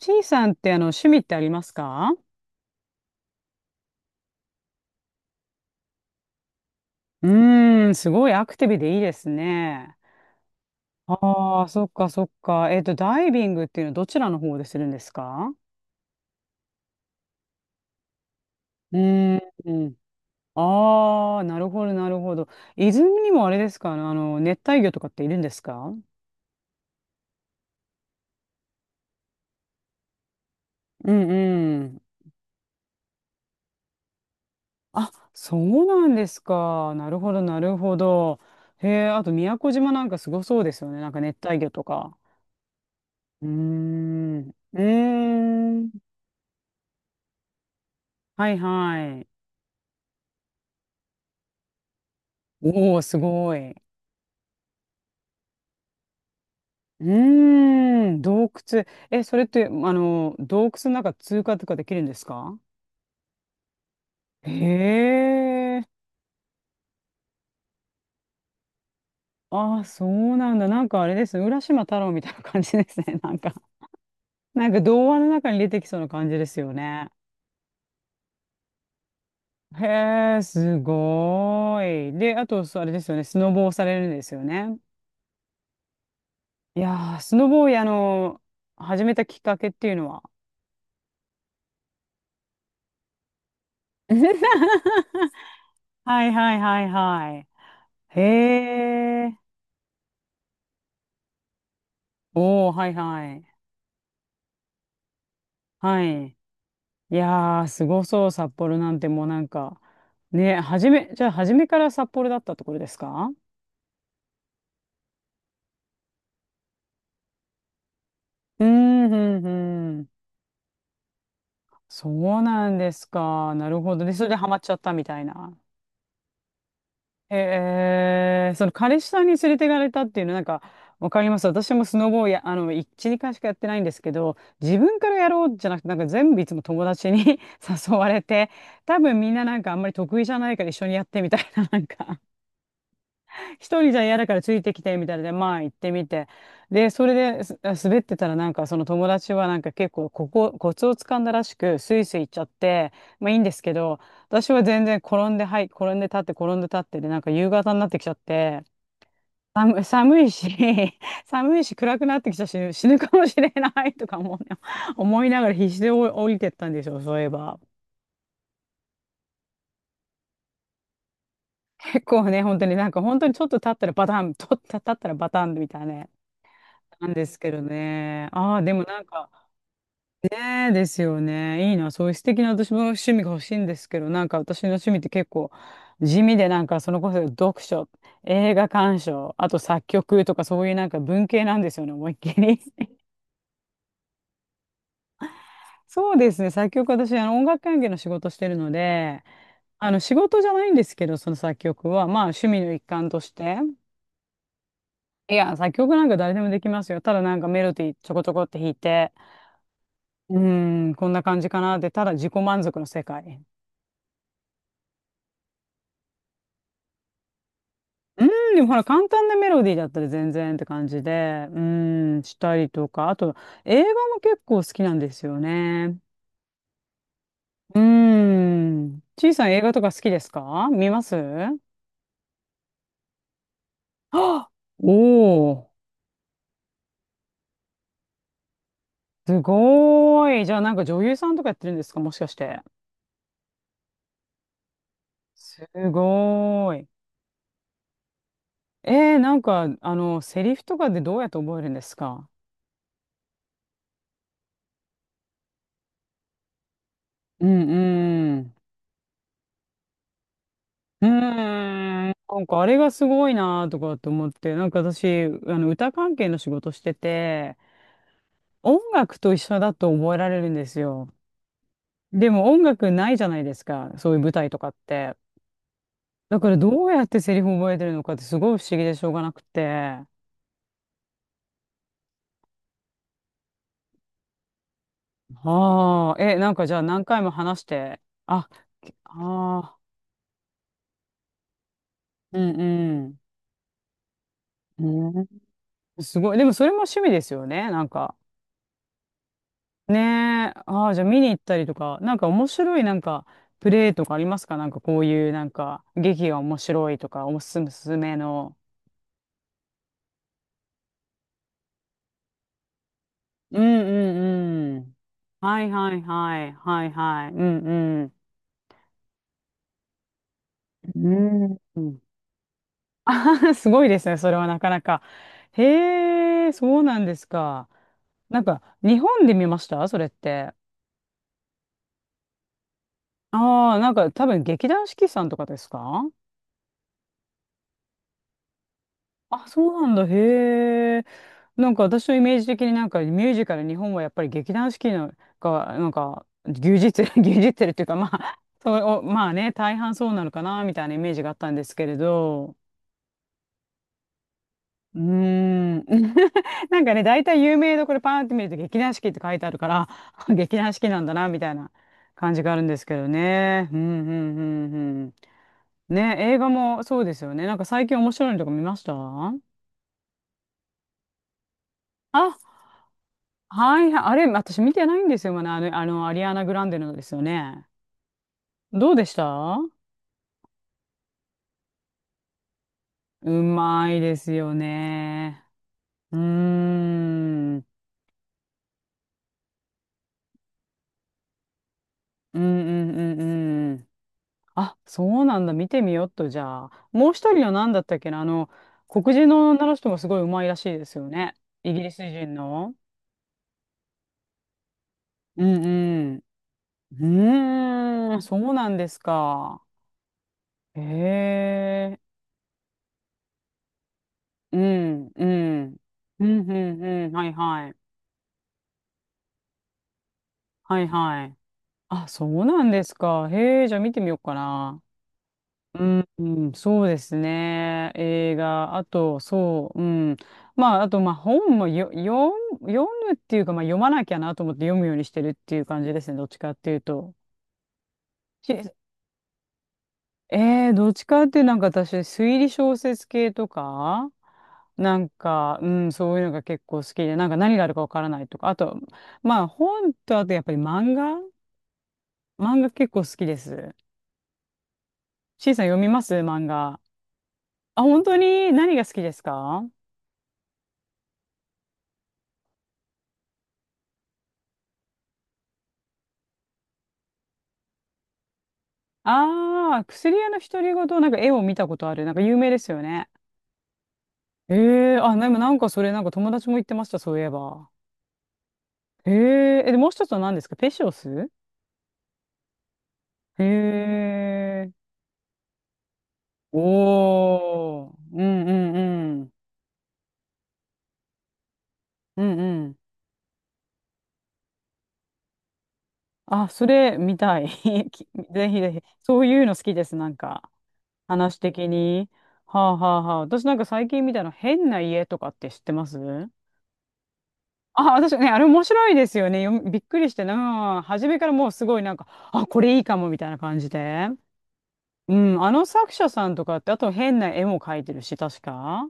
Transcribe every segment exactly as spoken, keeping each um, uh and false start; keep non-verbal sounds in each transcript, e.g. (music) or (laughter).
ちいさんってあの趣味ってありますか？うーん、すごいアクティブでいいですね。ああ、そっかそっか。えっと、ダイビングっていうのはどちらの方でするんですか？うーん。ああ、なるほど、なるほど。泉にもあれですかあの、あの熱帯魚とかっているんですか？うんうん。あ、そうなんですか。なるほど、なるほど。へえ、あと宮古島なんかすごそうですよね。なんか熱帯魚とか。うーん。うーん。はいはい。おお、すごい。うーん、洞窟。え、それって、あの、洞窟の中通過とかできるんですか？へえ。ああ、そうなんだ。なんかあれですね。浦島太郎みたいな感じですね。なんか、なんか童話の中に出てきそうな感じですよね。へえ、すごーい。で、あと、そうあれですよね。スノボをされるんですよね。いやー、スノボを、あの、始めたきっかけっていうのは。(laughs) はいはいはいはい。へえ。おお、はいはい。はい。いやー、すごそう、札幌なんてもうなんか、ね、初め、じゃあ初めから札幌だったところですか？うーん、うん、うん。そうなんですか。なるほど。で、それでハマっちゃったみたいな。えー、その彼氏さんに連れて行かれたっていうの、なんか、わかります。私もスノボをや、あの、いちににしかやってないんですけど、自分からやろうじゃなくて、なんか全部いつも友達に (laughs) 誘われて、多分みんななんかあんまり得意じゃないから一緒にやってみたいな、なんか一人じゃ嫌だからついてきて、みたいなで、まあ行ってみて。で、それです滑ってたらなんかその友達はなんか結構ここ、コツをつかんだらしく、スイスイ行っちゃって、まあいいんですけど、私は全然転んで、はい、転んで立って、転んで立ってで、なんか夕方になってきちゃって、寒、寒いし、(laughs) 寒いし暗くなってきたし、死ぬかもしれない (laughs) とか思うね、思いながら必死で降りてったんでしょ、そういえば。結構ね、本当になんか本当にちょっと立ったらバタン、と立ったらバタンみたいなね。なんですけどね。ああ、でもなんか、ねえですよね。いいな。そういう素敵な私も趣味が欲しいんですけど、なんか私の趣味って結構地味で、なんかそのこそ読書、映画鑑賞、あと作曲とかそういうなんか文系なんですよね、思いっきり。(laughs) そうですね。作曲私、あの音楽関係の仕事してるので、あの仕事じゃないんですけど、その作曲は、まあ趣味の一環として。いや、作曲なんか誰でもできますよ。ただなんかメロディーちょこちょこって弾いて、うーん、こんな感じかなって、ただ自己満足の世界。うーん、でもほら、簡単なメロディーだったら全然って感じで、うーん、したりとか、あと、映画も結構好きなんですよね。うーん、ちいさん映画とか好きですか？見ます？あ、おおー、すごーい。じゃあなんか女優さんとかやってるんですか？もしかして。すごーい。えー、なんか、あの、セリフとかでどうやって覚えるんですか？うんうん。うーん、なんかあれがすごいなとかと思って、なんか私、あの歌関係の仕事してて、音楽と一緒だと覚えられるんですよ。でも音楽ないじゃないですか、そういう舞台とかって。だからどうやってセリフ覚えてるのかってすごい不思議でしょうがなくて。ああ、え、なんかじゃあ何回も話して、あ、ああー、うんうん。うん、すごい。でもそれも趣味ですよね、なんか。ねえ。ああ、じゃあ見に行ったりとか、なんか面白いなんかプレイとかありますか？なんかこういうなんか劇が面白いとか、おすすめの。うんうんうん。はいはいはい。はいはい。うんうん。うん。(laughs) うんすごいですね。それはなかなか。へえ、そうなんですか。なんか日本で見ました？それって。ああ、なんか多分劇団四季さんとかですか？あ、そうなんだ。へえ。なんか私のイメージ的になんかミュージカル、日本はやっぱり劇団四季のが、なんか牛耳ってる、(laughs) 牛耳ってるっていうか、まあ、(laughs) そう、おまあね、大半そうなのかな、みたいなイメージがあったんですけれど。うーん。(laughs) なんかね、大体有名どころパーンって見ると劇団四季って書いてあるから、(laughs) 劇団四季なんだな、みたいな感じがあるんですけどね。うん、うん、うん、うん。ね、映画もそうですよね。なんか最近面白いのとか見ました？あ、はいはい、あれ、私見てないんですよ、まだ、あの、あの、アリアナ・グランデのですよね。どうでした？うまいですよね。うーん。うんうんうんうん。あ、そうなんだ。見てみよっと、じゃあ。もう一人の何だったっけな、あの、黒人の女の人がすごいうまいらしいですよね。イギリス人の。うんうん。うーん、そうなんですか。へえ。うんうん。うんうんうん。はいはい。はいはい。あ、そうなんですか。へえ、じゃあ見てみようかな。うん、うんそうですね。映画、あと、そう、うん。まあ、あと、まあ、本もよ、読む、読むっていうか、まあ、読まなきゃなと思って読むようにしてるっていう感じですね。どっちかっていうと。しえー、どっちかっていうとなんか私、推理小説系とか、なんか、うん、そういうのが結構好きで、なんか何があるかわからないとか、あと、まあ、本と、あとやっぱり漫画漫画結構好きです。C さん読みます？漫画。あ、本当に何が好きですか？ああー、薬屋の独り言、なんか絵を見たことある。なんか有名ですよね。ええあ、でもなんかそれなんか友達も言ってました、そういえば。えええ、で、もう一つは何ですか？ペシオス？へえおー。うんうんうん。うんうん。あ、それ見たい。(laughs) きぜひぜひ。そういうの好きです、なんか。話的に。はあはあはあ。私なんか最近見たの変な家とかって知ってます？あ、私ね、あれ面白いですよね。よびっくりしてな。初めからもうすごいなんか、あ、これいいかもみたいな感じで。うん、あの作者さんとかって、あと変な絵も描いてるし、確か。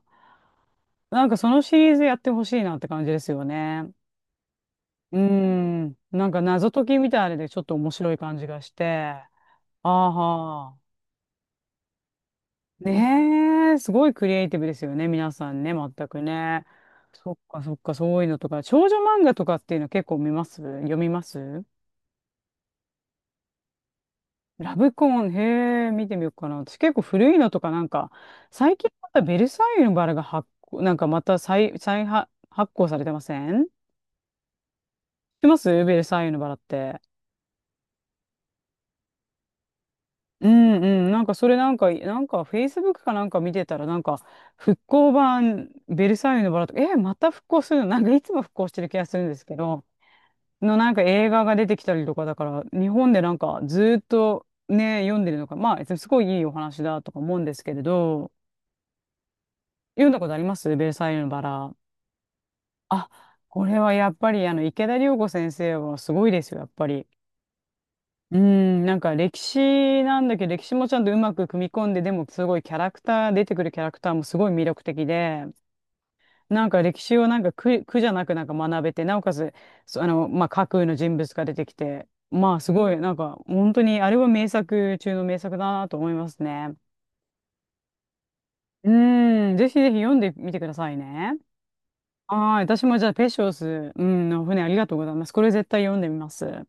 なんかそのシリーズやってほしいなって感じですよね。うん、なんか謎解きみたいなのでちょっと面白い感じがして。あーはー。ねえ、すごいクリエイティブですよね、皆さんね、全くね。そっかそっか、そういうのとか。少女漫画とかっていうの結構見ます？読みます？ラブコン、へえ、見てみようかな。私結構古いのとかなんか、最近またベルサイユのバラが発行、なんかまた再、再発、発行されてません？知ってますベルサイユのバラって。うんうん。なんかそれなんか、なんかフェイスブックかなんか見てたらなんか、復興版ベルサイユのバラとか、え、また復興するの？なんかいつも復興してる気がするんですけど、のなんか映画が出てきたりとかだから、日本でなんかずーっとね、読んでるのか、まあ、すごいいいお話だとか思うんですけれど、読んだことありますベルサイユのバラ。あ、これはやっぱりあの池田涼子先生はすごいですよ、やっぱり。うーん、なんか歴史なんだけど、歴史もちゃんとうまく組み込んで、でもすごいキャラクター、出てくるキャラクターもすごい魅力的で、なんか歴史をなんか苦、苦じゃなくなんか学べて、なおかつ、そあの、まあ、架空の人物が出てきて、まあすごい、なんか本当にあれは名作中の名作だなと思いますね。うーん、ぜひぜひ読んでみてくださいね。はい。私もじゃあ、ペショス、うん、の船ありがとうございます。これ絶対読んでみます。